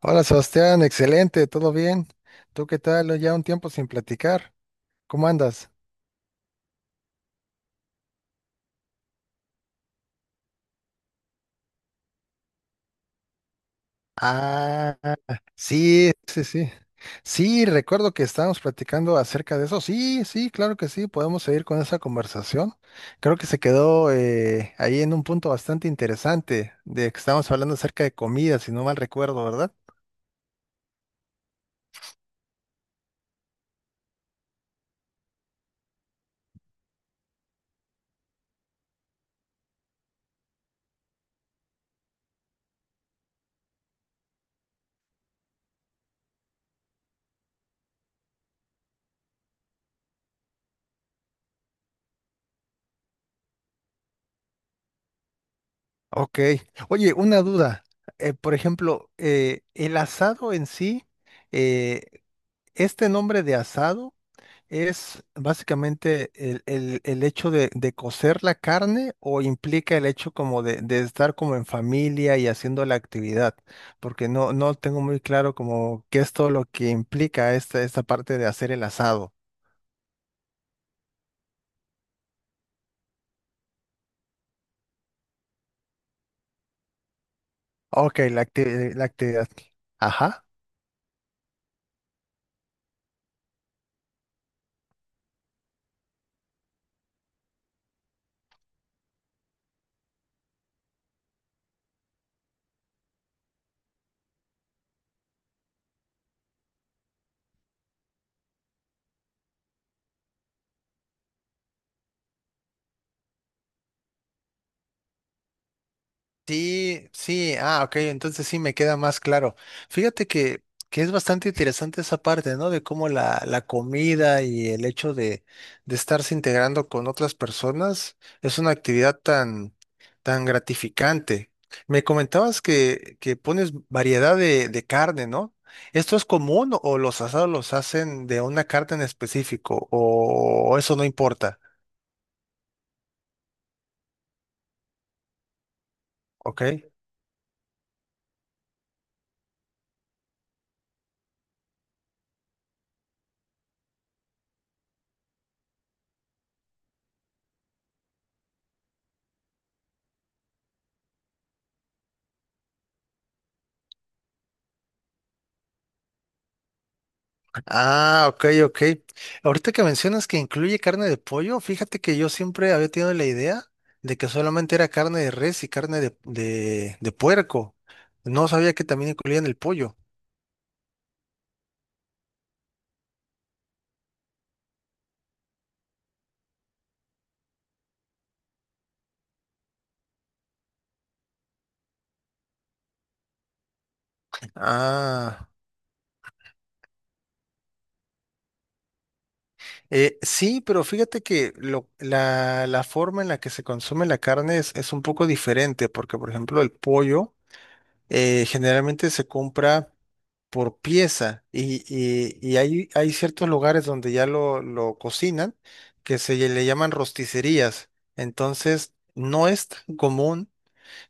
Hola Sebastián, excelente, ¿todo bien? ¿Tú qué tal? Ya un tiempo sin platicar. ¿Cómo andas? Ah, sí, sí, sí. Sí, recuerdo que estábamos platicando acerca de eso. Sí, sí, claro que sí, podemos seguir con esa conversación. Creo que se quedó ahí en un punto bastante interesante, de que estábamos hablando acerca de comida, si no mal recuerdo, ¿verdad? Ok. Oye, una duda. Por ejemplo, el asado en sí, eh, este nombre de asado. ¿Es básicamente el hecho de cocer la carne o implica el hecho como de estar como en familia y haciendo la actividad? Porque no, no tengo muy claro como qué es todo lo que implica esta parte de hacer el asado. Ok, la actividad. Ajá. Sí, sí, ah, ok, entonces sí me queda más claro. Fíjate que es bastante interesante esa parte, ¿no? De cómo la comida y el hecho de estarse integrando con otras personas es una actividad tan gratificante. Me comentabas que pones variedad de carne, ¿no? ¿Esto es común o los asados los hacen de una carne en específico o eso no importa? ¿Ok? Ah, ok, ok. Ahorita que mencionas que incluye carne de pollo, fíjate que yo siempre había tenido la idea de que solamente era carne de res y carne de puerco. No sabía que también incluían el pollo. Ah, sí, pero fíjate que la forma en la que se consume la carne es un poco diferente, porque por ejemplo el pollo generalmente se compra. Por pieza y hay ciertos lugares donde ya lo cocinan que se le llaman rosticerías. Entonces, no es tan común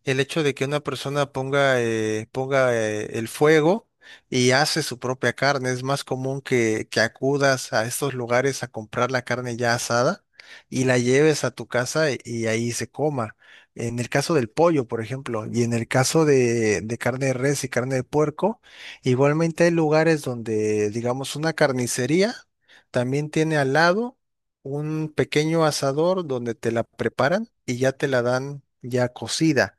el hecho de que una persona ponga, ponga el fuego y hace su propia carne. Es más común que acudas a estos lugares a comprar la carne ya asada y la lleves a tu casa y ahí se coma. En el caso del pollo, por ejemplo, y en el caso de carne de res y carne de puerco, igualmente hay lugares donde, digamos, una carnicería también tiene al lado un pequeño asador donde te la preparan y ya te la dan ya cocida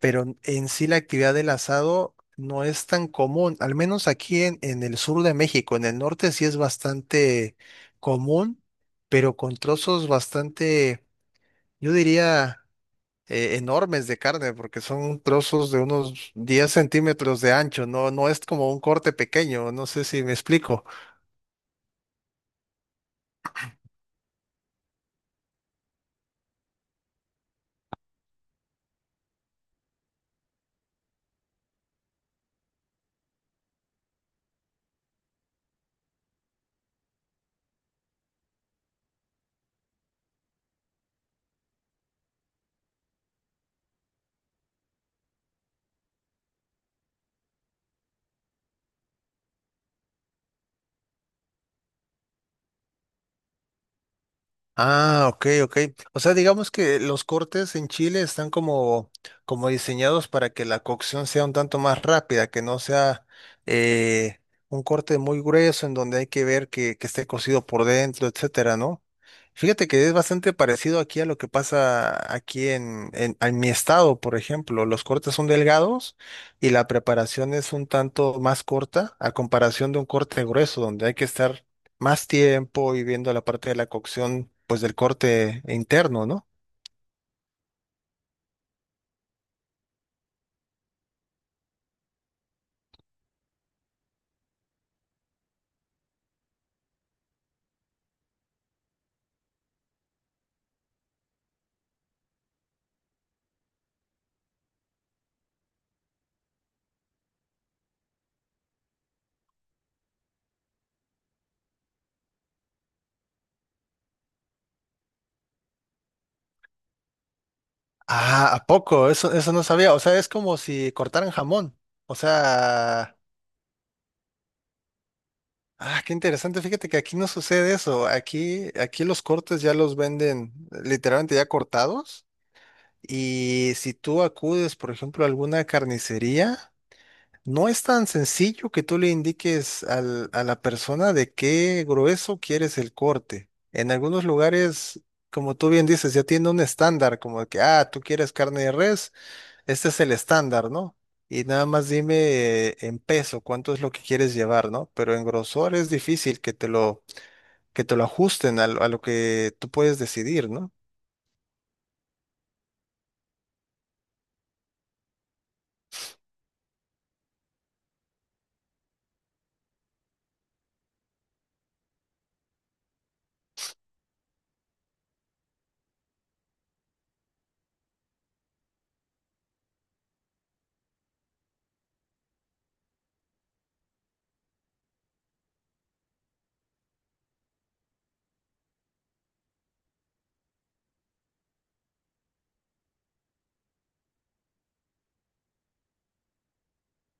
pero en sí la actividad del asado no es tan común, al menos aquí en el sur de México, en el norte sí es bastante común, pero con trozos bastante, yo diría, enormes de carne, porque son trozos de unos 10 centímetros de ancho, no, no es como un corte pequeño, no sé si me explico. Ah, ok, ok. O sea, digamos que los cortes en Chile están como, como diseñados para que la cocción sea un tanto más rápida, que no sea eh, un corte muy grueso en donde hay que ver que esté cocido por dentro, etcétera, ¿no? Fíjate que es bastante parecido aquí a lo que pasa aquí en mi estado, por ejemplo. Los cortes son delgados y la preparación es un tanto más corta a comparación de un corte grueso, donde hay que estar más tiempo y viendo la parte de la cocción, pues del corte interno, ¿no? Ah, ¿a poco? Eso no sabía. O sea, es como si cortaran jamón. O sea, ah, qué interesante. Fíjate que aquí no sucede eso. Aquí, aquí los cortes ya los venden literalmente ya cortados. Y si tú acudes, por ejemplo, a alguna carnicería, no es tan sencillo que tú le indiques a la persona de qué grueso quieres el corte. En algunos lugares, como tú bien dices, ya tiene un estándar, como de que, ah, tú quieres carne de res, este es el estándar, ¿no? Y nada más dime en peso cuánto es lo que quieres llevar, ¿no? Pero en grosor es difícil que te lo ajusten a lo que tú puedes decidir, ¿no?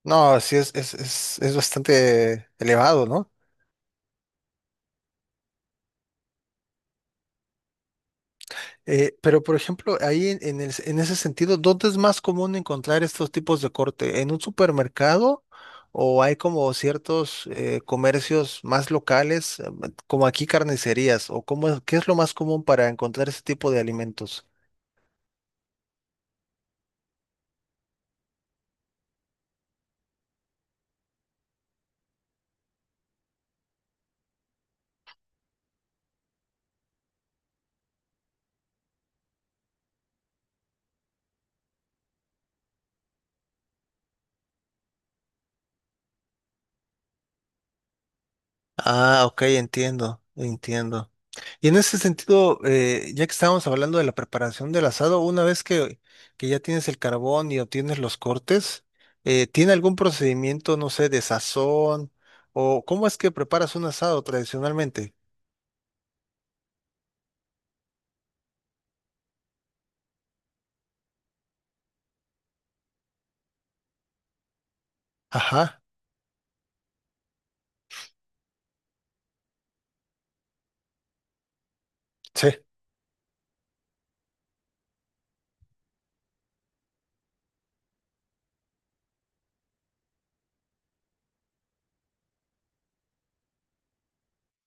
No, sí es bastante elevado, ¿no? Pero, por ejemplo, ahí en, en ese sentido, ¿dónde es más común encontrar estos tipos de corte? ¿En un supermercado o hay como ciertos comercios más locales, como aquí carnicerías? ¿O cómo es- qué es lo más común para encontrar ese tipo de alimentos? Ah, ok, entiendo, entiendo. Y en ese sentido, ya que estábamos hablando de la preparación del asado, una vez que ya tienes el carbón y obtienes los cortes, ¿tiene algún procedimiento, no sé, de sazón? ¿O cómo es que preparas un asado tradicionalmente? Ajá, sí.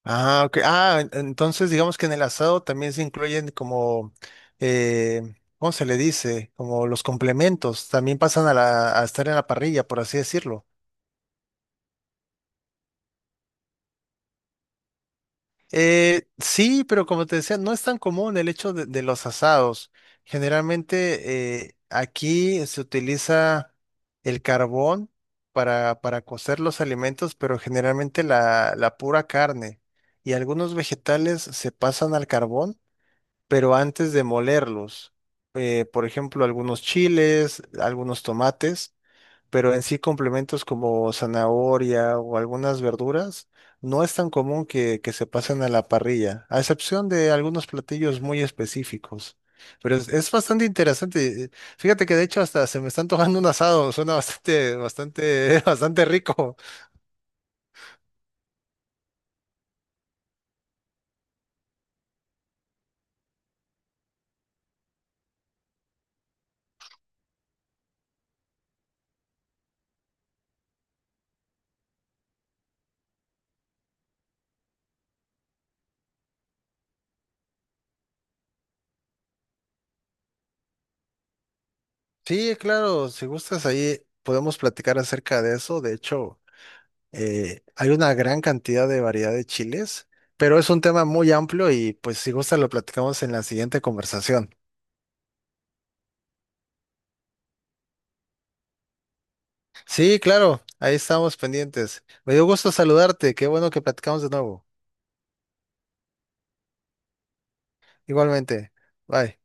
Ah, ok. Ah, entonces digamos que en el asado también se incluyen como, eh, ¿cómo se le dice? Como los complementos, también pasan a estar en la parrilla, por así decirlo. Sí, pero como te decía, no es tan común el hecho de los asados. Generalmente aquí se utiliza el carbón para cocer los alimentos, pero generalmente la pura carne y algunos vegetales se pasan al carbón, pero antes de molerlos. Por ejemplo, algunos chiles, algunos tomates pero en sí complementos como zanahoria o algunas verduras no es tan común que se pasen a la parrilla, a excepción de algunos platillos muy específicos. Pero es bastante interesante. Fíjate que de hecho hasta se me está antojando un asado, suena bastante, bastante, bastante rico. Sí, claro, si gustas ahí podemos platicar acerca de eso. De hecho, hay una gran cantidad de variedad de chiles, pero es un tema muy amplio y pues si gustas lo platicamos en la siguiente conversación. Sí, claro, ahí estamos pendientes. Me dio gusto saludarte, qué bueno que platicamos de nuevo. Igualmente, bye.